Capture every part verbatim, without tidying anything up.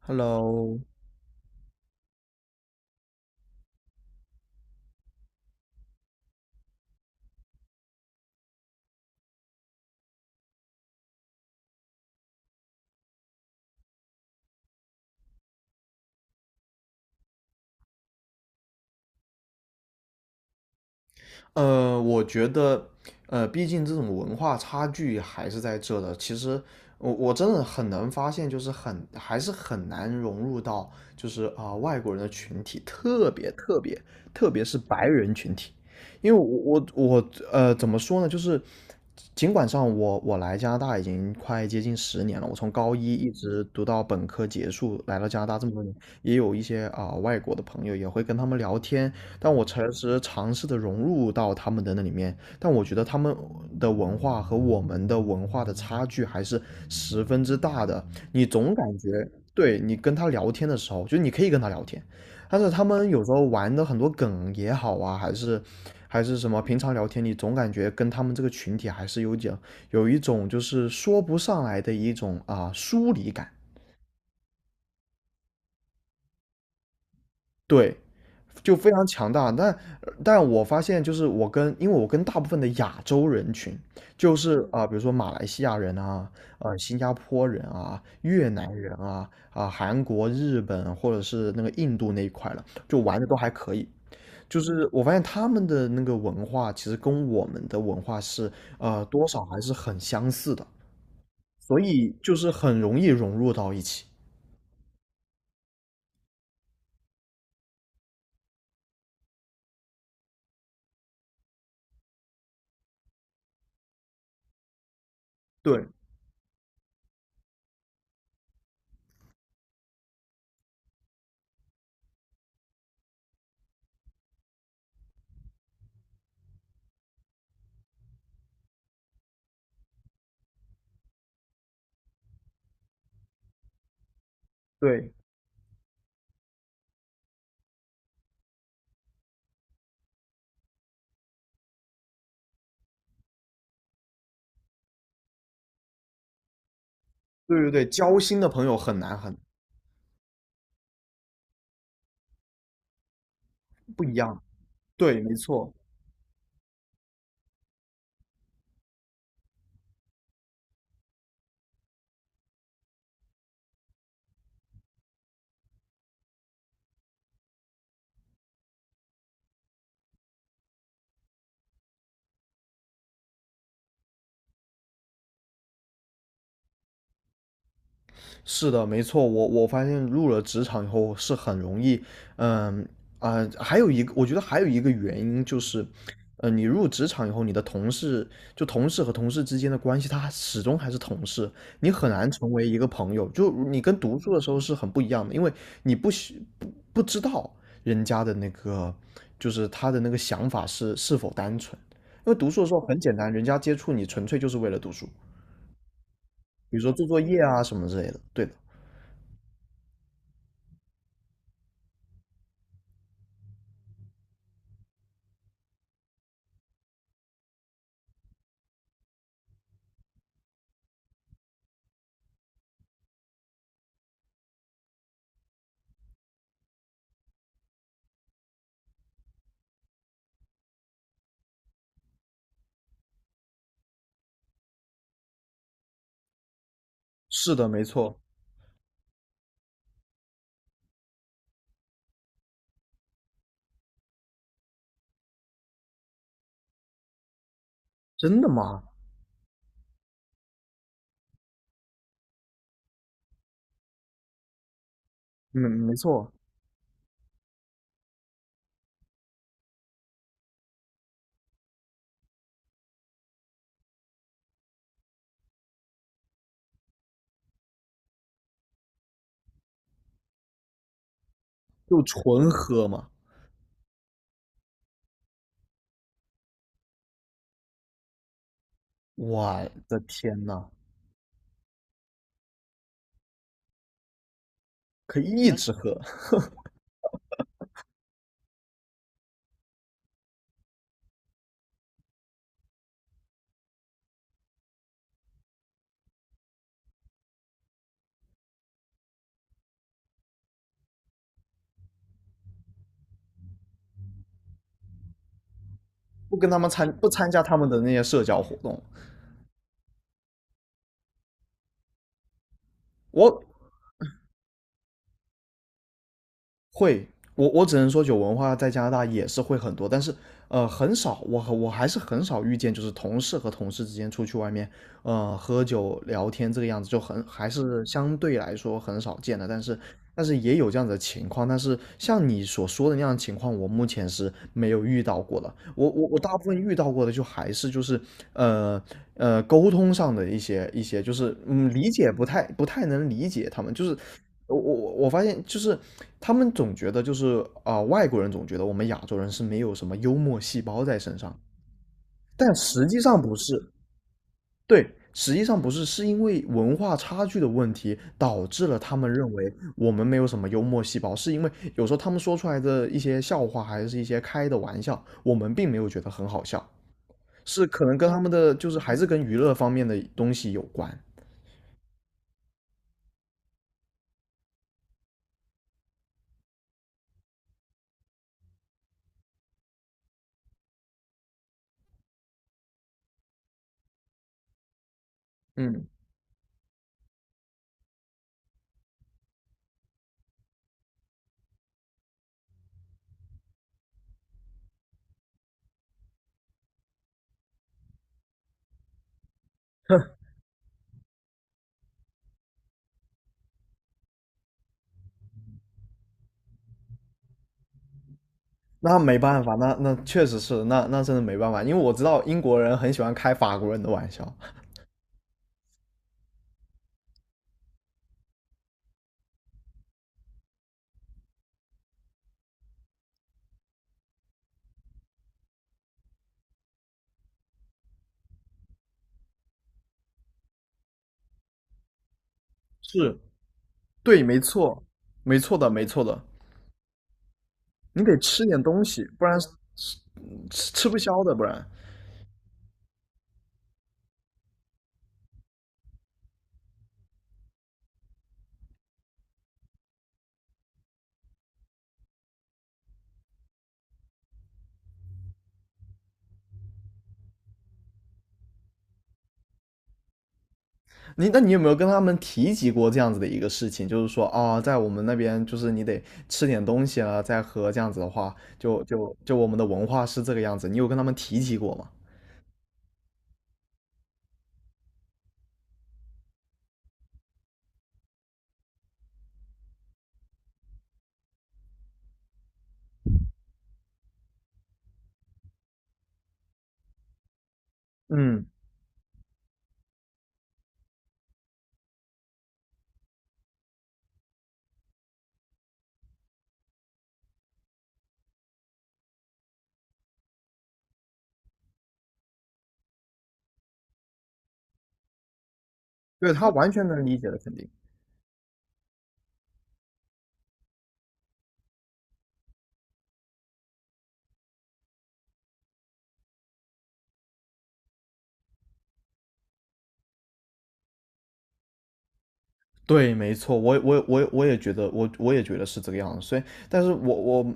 Hello,呃，我觉得，呃，毕竟这种文化差距还是在这的。其实我我真的很难发现，就是很还是很难融入到就是啊、外国人的群体，特别特别特别是白人群体，因为我我我呃怎么说呢，就是尽管上我我来加拿大已经快接近十年了，我从高一一直读到本科结束，来到加拿大这么多年，也有一些啊、外国的朋友，也会跟他们聊天，但我诚实尝试的融入到他们的那里面，但我觉得他们的文化和我们的文化的差距还是十分之大的。你总感觉，对，你跟他聊天的时候，就你可以跟他聊天，但是他们有时候玩的很多梗也好啊，还是还是什么，平常聊天你总感觉跟他们这个群体还是有点有一种就是说不上来的一种啊疏离感。对，就非常强大。但但我发现，就是我跟因为我跟大部分的亚洲人群，就是啊、比如说马来西亚人啊，呃，新加坡人啊，越南人啊，啊、韩国、日本或者是那个印度那一块了，就玩的都还可以。就是我发现他们的那个文化，其实跟我们的文化是呃多少还是很相似的，所以就是很容易融入到一起。对对对对对，交心的朋友很难很不一样。对，没错。是的，没错，我我发现入了职场以后是很容易，嗯啊、还有一个，我觉得还有一个原因就是，呃，你入职场以后，你的同事就同事和同事之间的关系，他始终还是同事，你很难成为一个朋友。就你跟读书的时候是很不一样的，因为你不需不不知道人家的那个，就是他的那个想法是是否单纯。因为读书的时候很简单，人家接触你纯粹就是为了读书，比如说做作业啊什么之类的。对的。是的，没错，真的吗？嗯，没错，就纯喝嘛。我的天呐，可以一直喝，不跟他们参不参加他们的那些社交活动。我会，我我只能说酒文化在加拿大也是会很多，但是呃很少，我我还是很少遇见，就是同事和同事之间出去外面呃喝酒聊天这个样子，就很还是相对来说很少见的，但是但是也有这样子的情况，但是像你所说的那样的情况，我目前是没有遇到过的，我我我大部分遇到过的就还是就是呃呃沟通上的一些一些，就是嗯理解不太不太能理解他们，就是我我我发现就是他们总觉得就是啊、呃外国人总觉得我们亚洲人是没有什么幽默细胞在身上，但实际上不是，对，实际上不是，是因为文化差距的问题导致了他们认为我们没有什么幽默细胞，是因为有时候他们说出来的一些笑话还是一些开的玩笑，我们并没有觉得很好笑，是可能跟他们的就是还是跟娱乐方面的东西有关。嗯，那没办法，那那确实是，那那真的没办法，因为我知道英国人很喜欢开法国人的玩笑。是，对，没错，没错的，没错的，你得吃点东西，不然吃吃吃不消的，不然。你那你有没有跟他们提及过这样子的一个事情？就是说啊、在我们那边就是你得吃点东西啊，再喝这样子的话，就就就我们的文化是这个样子。你有跟他们提及过吗？嗯，对，他完全能理解的，肯定。对，没错，我我我我也觉得，我我也觉得是这个样子。所以，但是我我，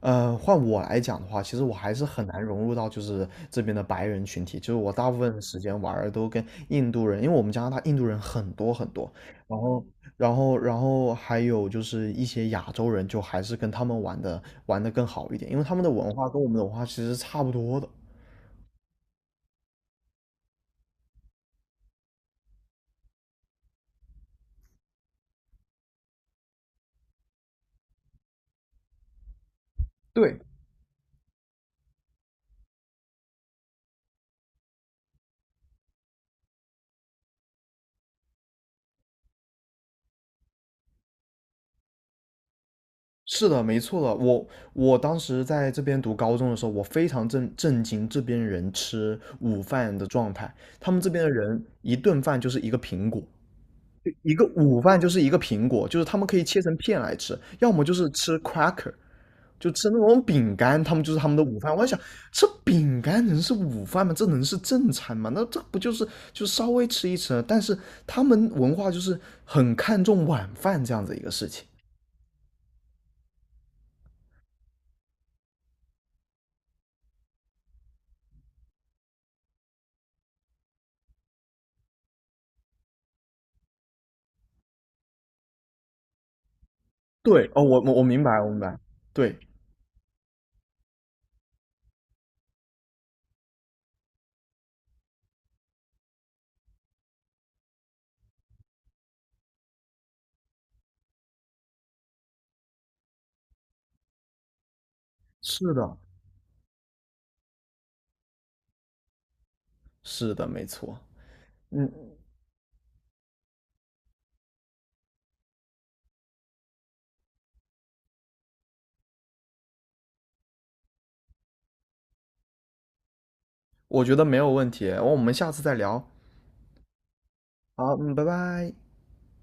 呃，换我来讲的话，其实我还是很难融入到就是这边的白人群体。就是我大部分时间玩儿都跟印度人，因为我们加拿大印度人很多很多，然后然后然后还有就是一些亚洲人，就还是跟他们玩的玩的更好一点，因为他们的文化跟我们的文化其实是差不多的。对。是的，没错的。我我当时在这边读高中的时候，我非常震震惊这边人吃午饭的状态。他们这边的人一顿饭就是一个苹果，一个午饭就是一个苹果，就是他们可以切成片来吃，要么就是吃 cracker,就吃那种饼干，他们就是他们的午饭。我在想，这饼干能是午饭吗？这能是正餐吗？那这不就是就稍微吃一吃？但是他们文化就是很看重晚饭这样子一个事情。对，哦，我我我明白，我明白，对，是的，是的，没错，嗯，我觉得没有问题，我们下次再聊，好，嗯，拜拜。